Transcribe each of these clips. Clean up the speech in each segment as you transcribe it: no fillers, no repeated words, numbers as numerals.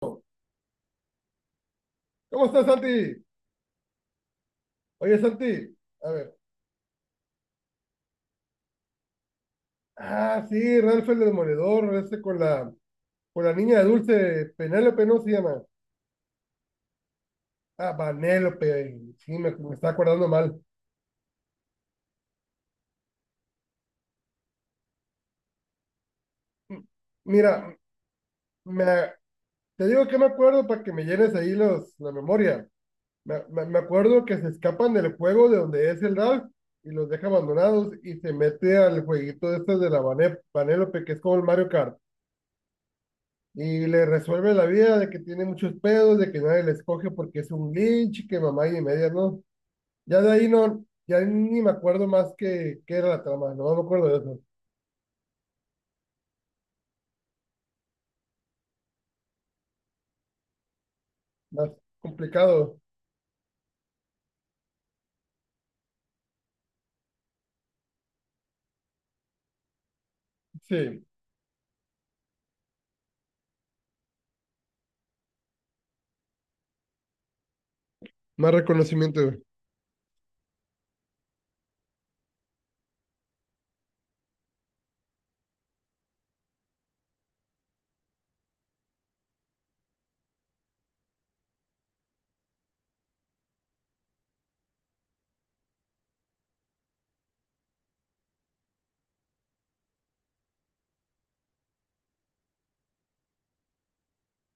¿Cómo estás, Santi? Oye, Santi, a ver. Ah, sí, Ralph el Demoledor, este con con la niña de dulce, Penélope, ¿no se llama? Ah, Vanélope, sí, me está acordando mal. M- Mira, me, te digo que me acuerdo para que me llenes ahí la memoria. Me acuerdo que se escapan del juego de donde es el Ralph y los deja abandonados y se mete al jueguito este de la Vanélope, que es como el Mario Kart. Y le resuelve la vida de que tiene muchos pedos, de que nadie le escoge porque es un glitch, que mamá y media, ¿no? Ya de ahí no, ya ni me acuerdo más qué era la trama, no me acuerdo de eso. Más complicado, sí, más reconocimiento.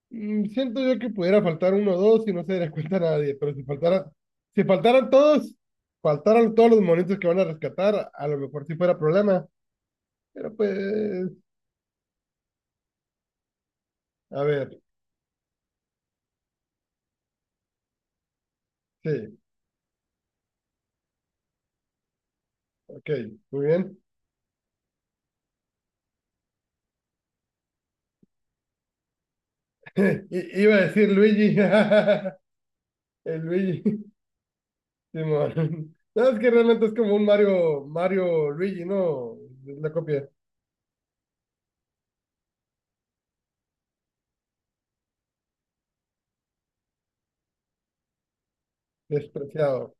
Mm, siento yo que pudiera faltar uno o dos y no se daría cuenta a nadie, pero si faltara, si faltaran todos, faltaran todos los monitos que van a rescatar, a lo mejor sí fuera problema, pero pues, a ver, sí, ok, muy bien. Iba a decir Luigi. El Luigi. Simón. No, es que realmente es como un Mario, Mario Luigi, ¿no? Es la copia. Despreciado.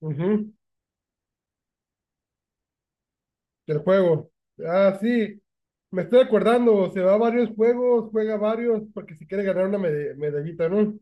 Ujú. Del juego. Ah, sí. Me estoy acordando. Se va a varios juegos, juega varios, porque si quiere ganar una medallita, ¿no?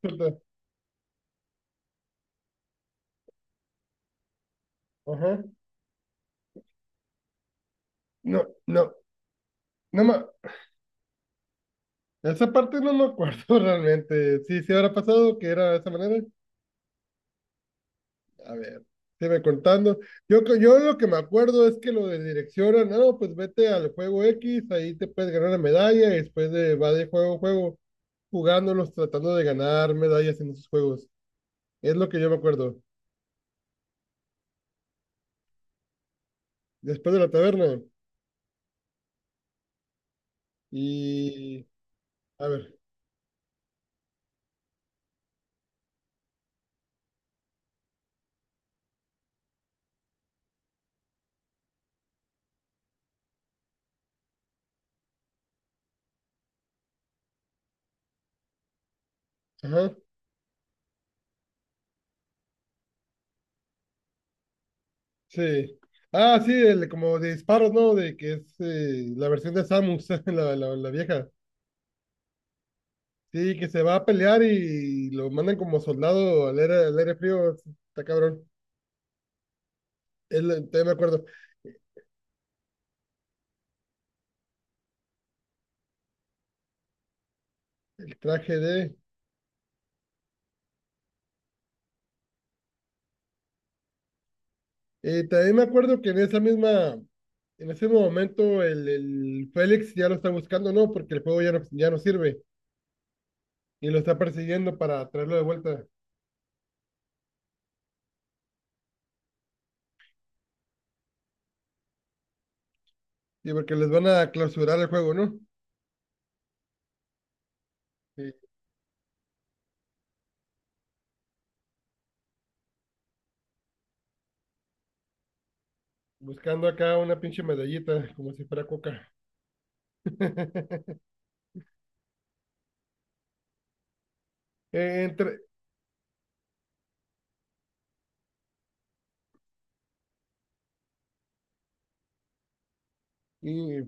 Suelta. Ajá. No, no me... Esa parte no me acuerdo realmente. Sí, sí habrá pasado que era de esa manera. A ver, me contando. Yo, yo lo que me acuerdo es que lo de dirección, no, pues vete al juego X, ahí te puedes ganar una medalla y después de, va de juego en juego, jugándolos, tratando de ganar medallas en esos juegos. Es lo que yo me acuerdo. Después de la taberna. Y, a ver, ajá, sí. Ah, sí, el como de disparos, ¿no? De que es la versión de Samus, la vieja. Sí, que se va a pelear y lo mandan como soldado al aire frío. Está cabrón. El, también me acuerdo, el traje de... también me acuerdo que en esa misma, en ese momento el Félix ya lo está buscando, ¿no? Porque el juego ya no, ya no sirve y lo está persiguiendo para traerlo de vuelta. Sí, porque les van a clausurar el juego, ¿no? Sí, buscando acá una pinche medallita, como si fuera coca. Entre... y-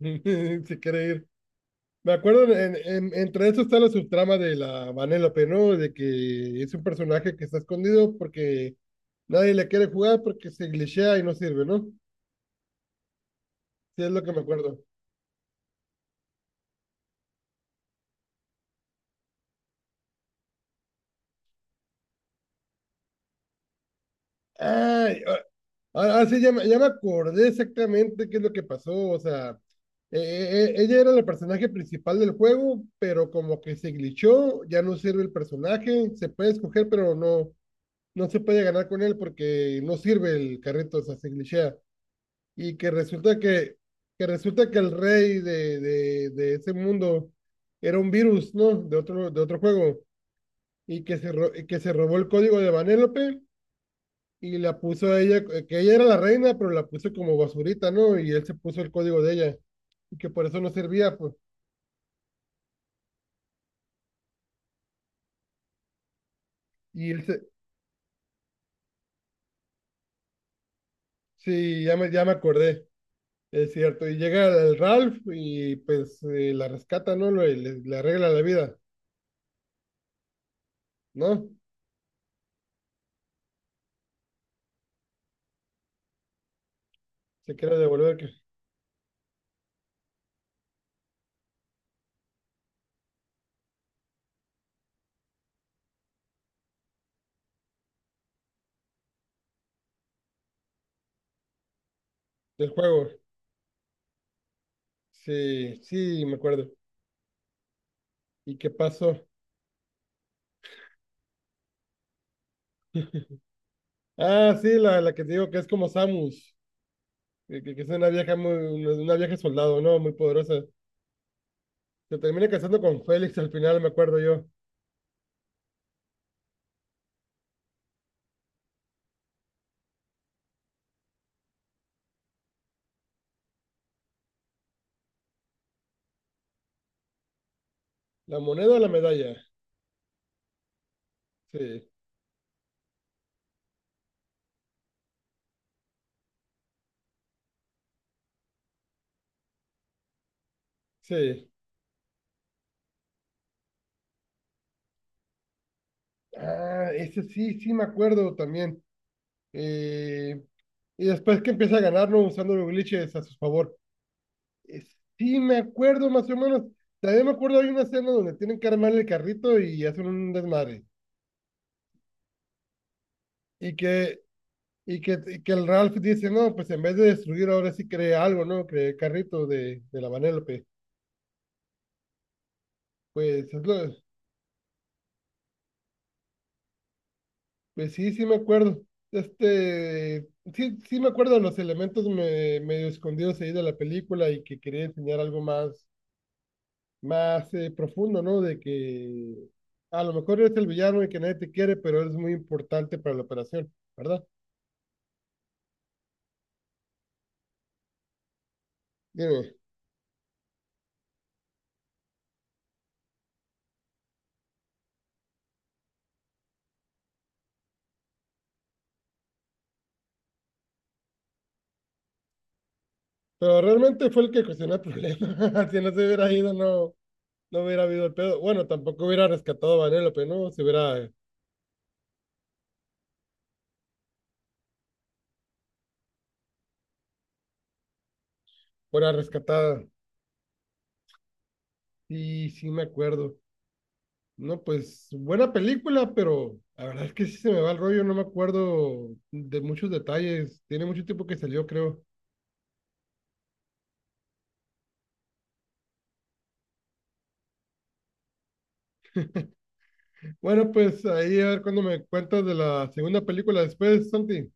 Si quiere ir. Me acuerdo, entre eso está la subtrama de la Vanellope, ¿no? De que es un personaje que está escondido porque nadie le quiere jugar porque se glitchea y no sirve, ¿no? Sí, es lo que me acuerdo. Ay, ah, sí, ya me acordé exactamente qué es lo que pasó. O sea, ella era la personaje principal del juego, pero como que se glitchó, ya no sirve el personaje, se puede escoger, pero no, no se puede ganar con él porque no sirve el carrito, o sea, se glitchea. y que resulta que, que resulta que el rey de ese mundo era un virus, ¿no? De otro juego y que que se robó el código de Vanélope y la puso a ella, que ella era la reina, pero la puso como basurita, ¿no? Y él se puso el código de ella y que por eso no servía, pues. Y él se, sí, ya me acordé, es cierto. Y llega el Ralph y pues la rescata, ¿no? Le arregla la vida, ¿no? Se quiere devolver del juego. Sí, sí, me acuerdo. ¿Y qué pasó? Ah, sí, la que te digo que es como Samus, que es una vieja muy, una vieja soldado, ¿no? Muy poderosa. Se termina casando con Félix al final, me acuerdo yo. ¿La moneda o la medalla? Sí, sí. Ah, ese sí, sí me acuerdo también. Eh, y después que empieza a ganar, ¿no? Usando los glitches a su favor. Eh, sí me acuerdo más o menos. También me acuerdo hay una escena donde tienen que armar el carrito y hacen un desmadre. Y que Y que, que el Ralph dice, no, pues en vez de destruir ahora sí cree algo, ¿no? Creé carrito de la Vanellope. Pues, es lo, pues sí, sí me acuerdo. Este, sí, sí me acuerdo de los elementos medio escondidos ahí de la película y que quería enseñar algo más, más profundo, ¿no? De que a lo mejor eres el villano y que nadie te quiere, pero eres muy importante para la operación, ¿verdad? Dime, pero realmente fue el que ocasionó el problema. Si no se hubiera ido, no, no hubiera habido el pedo. Bueno, tampoco hubiera rescatado a Vanellope, ¿no? Si hubiera, fuera rescatada. Sí, sí me acuerdo. No, pues buena película, pero la verdad es que sí se me va el rollo, no me acuerdo de muchos detalles. Tiene mucho tiempo que salió, creo. Bueno, pues ahí a ver cuando me cuentas de la segunda película después, Santi.